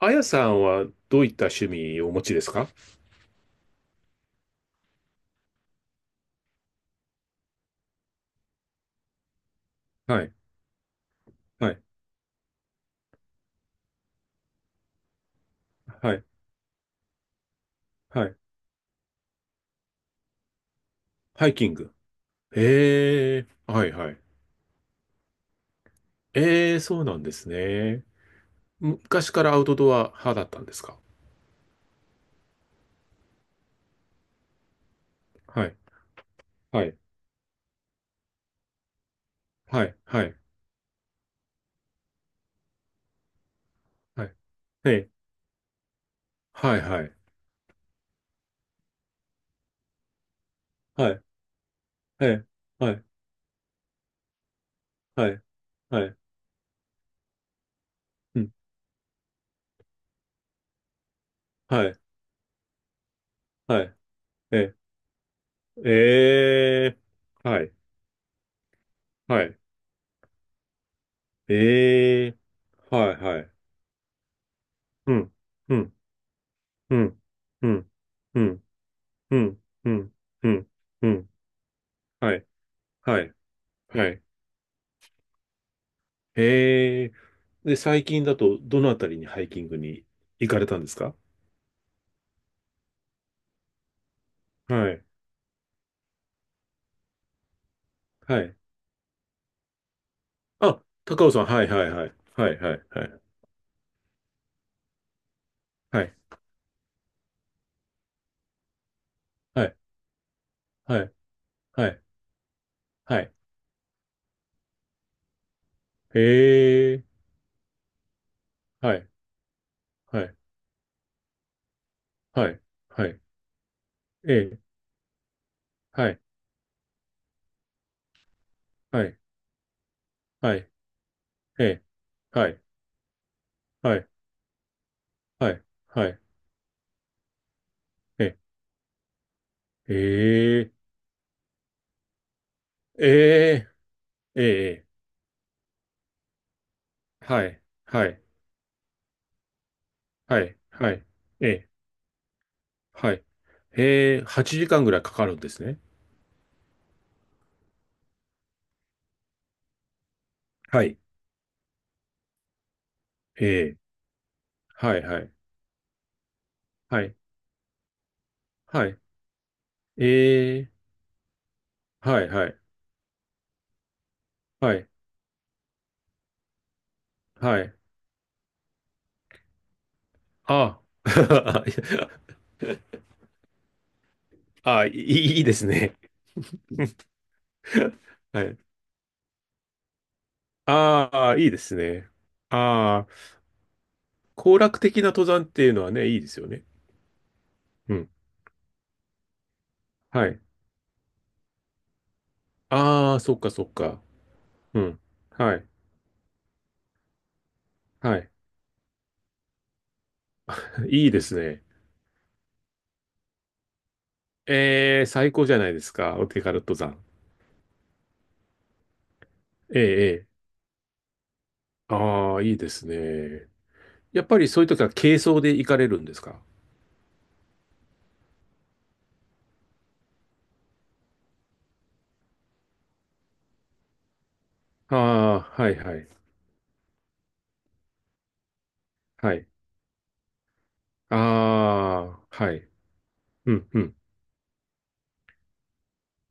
あやさんはどういった趣味をお持ちですか？はい、はい、はい、はい。ハイキング。ええ、はい、はい。ええ、そうなんですね。昔からアウトドア派だったんですか？はい、はい、はい、はい、はい。ええ、はい、はい、はい、ええ、はい、はい、はい、うん、はい、はい、ええ、ええ、はい、はい、ええ、はい、はい、うん、うん、うん、うん、うん。うん、うん、うん、うん。はい、はい、はい。へえ。で、最近だと、どのあたりにハイキングに行かれたんですか？はい、はい。あ、高尾さん、はい、はい、はい。はい、はい、はい。はい、はい、はい、はい、はい。へえ。はい、はい、はい、はい。ええ、はい、はい、はい、ええ、はい、はい、はい、はい、ええ、ええ、ええ、ええ、はい、はい、はい、はい、ええ。はい。8時間ぐらいかかるんですね。はい。ええはい、はい、はい、はい。ええはい、はい、はい、はい。ああ。いやあ、いい、いいですね。はい。ああ、いいですね。ああ、行楽的な登山っていうのはね、いいですよね。うん。はい。ああ、そっかそっか。うん。はい。はい。いいですね。ええ、最高じゃないですか。お手軽登山。ええ、ええ。ああ、いいですね。やっぱりそういう時は軽装で行かれるんですか？ああー、はいはい。はい。ああ、はい。うん、うん。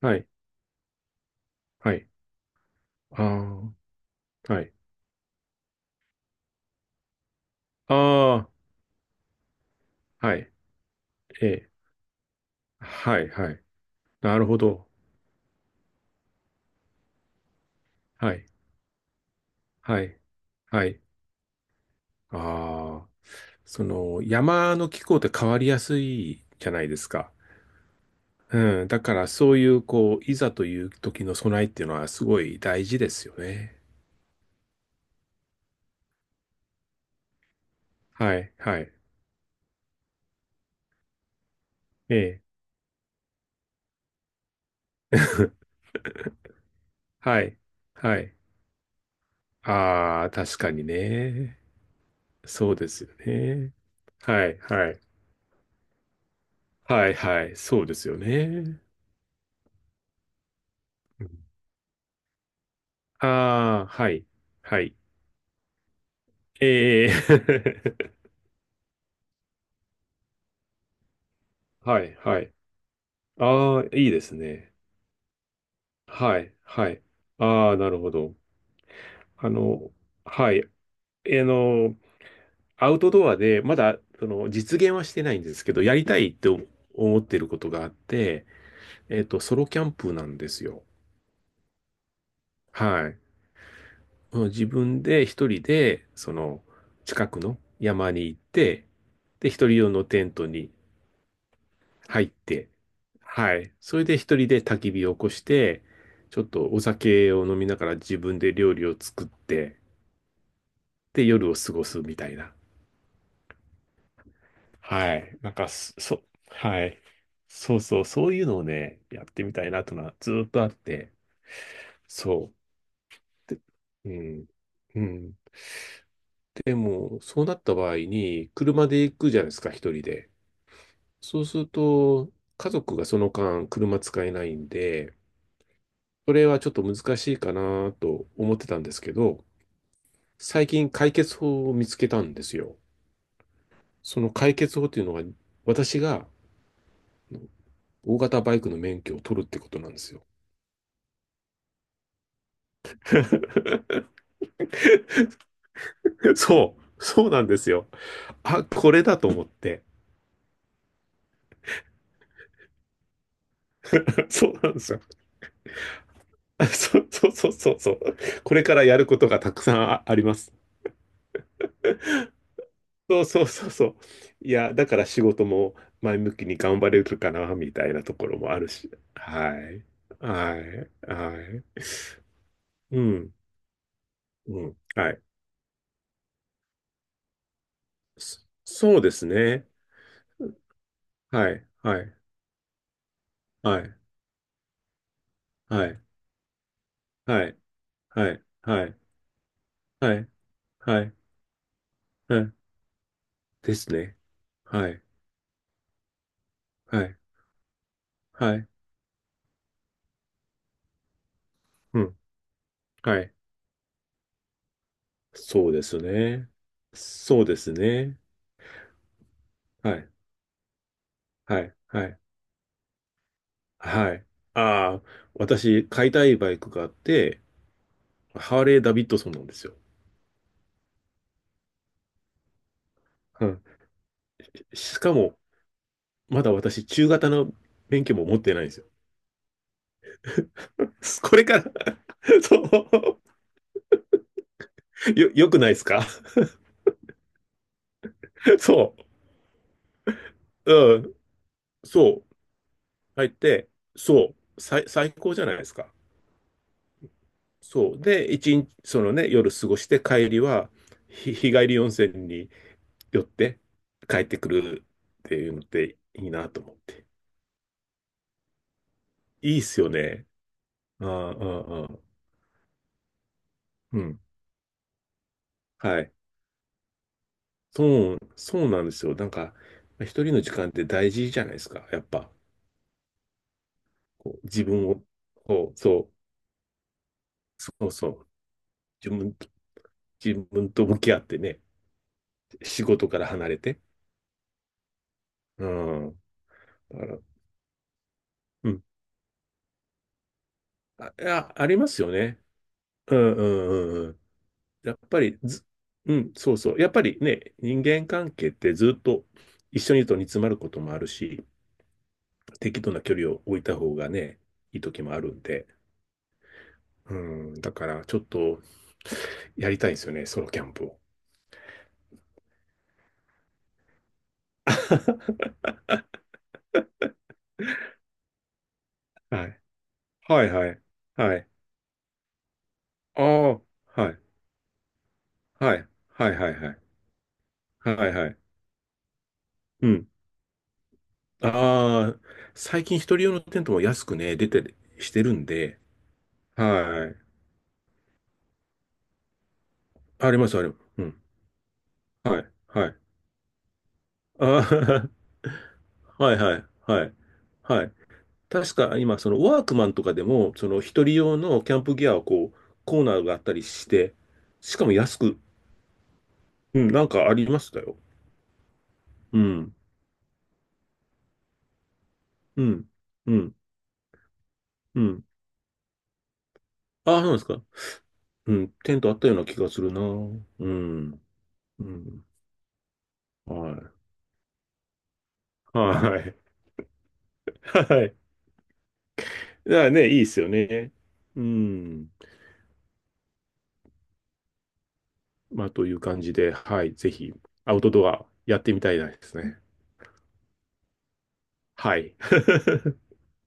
はい。はい。ああ、はい。ああ、はい。ええ。はい、はい。なるほど。はい。はい。はい。ああ、その、山の気候って変わりやすいじゃないですか。うん。だから、そういう、こう、いざという時の備えっていうのはすごい大事ですよね。はい、はい。ええ。はい。はい。ああ、確かにね。そうですよね。はい、はい。はい、はい。そうですよね。ああー、はい、はい。ええ はい、はい。ああ、いいですね。はい、はい。ああ、なるほど。あの、はい。の、アウトドアで、まだ、その、実現はしてないんですけど、やりたいって思ってることがあって、ソロキャンプなんですよ。はい。うん、自分で一人で、その、近くの山に行って、で、一人用のテントに入って、はい。それで一人で焚き火を起こして、ちょっとお酒を飲みながら自分で料理を作って、で、夜を過ごすみたいな。はい。なんかそ、そはい。そうそう、そういうのをね、やってみたいなというのはずーっとあって、そう。で、うん。うん。でも、そうなった場合に、車で行くじゃないですか、一人で。そうすると、家族がその間車使えないんで、それはちょっと難しいかなと思ってたんですけど、最近解決法を見つけたんですよ。その解決法っていうのが、私が大型バイクの免許を取るってことなんですよ。そう、そうなんですよ。あ、これだと思って。そうなんですよ。あ、そうそうそうそうそう。これからやることがたくさんあります。そうそうそうそう。いや、だから仕事も前向きに頑張れるかな、みたいなところもあるし。はい。はい。はい。うん。うん。はい。そそうですね。はい。はい。はい。はい。はい。はい。はい。はい。はい。はいですね。はい。はい。はい。うん。はい。そうですね。そうですね。はい。はい。はい。はい。ああ、私、買いたいバイクがあって、ハーレー・ダビッドソンなんですよ。うん、しかも、まだ私、中型の免許も持ってないんですよ。これから そう、よくないですか？ そう、うん、そう、入って、そう、最高じゃないですか。そう、で、一日、そのね、夜過ごして帰りは、日帰り温泉に寄って帰ってくるっていうのっていいなと思って。いいっすよね。ああ、ああ、ああ、うん。はい。そう、そうなんですよ。なんか、一人の時間って大事じゃないですか。やっぱ、こう自分を、こう、そう、そうそう、自分と、自分と向き合ってね、仕事から離れて。うん。だから、うん。あ、いやありますよね。うんうんうんうん。やっぱりず、うん、そうそう。やっぱりね、人間関係ってずっと一緒にいると煮詰まることもあるし、適度な距離を置いた方がね、いい時もあるんで。うん、だからちょっとやりたいんですよね、ソロキャンプを。はい。はいはい。はい。ああ、はい。はい。はいはいはい。はいはい。うん。ああ、最近一人用のテントも安くね、出てしてるんで。はい。あります、あります。うん。はい。はい。ああ、はいはい。はい。はい。確か今、そのワークマンとかでも、その一人用のキャンプギアをこう、コーナーがあったりして、しかも安く、うん、なんかありましたよ。うん、うん、うん、うん。ああ、そうなんですか。うん、テントあったような気がするな。うん、うん。はい。はい。はい。だからね、いいですよね。うん。まあ、という感じで、はい。ぜひ、アウトドアやってみたいですね。はい。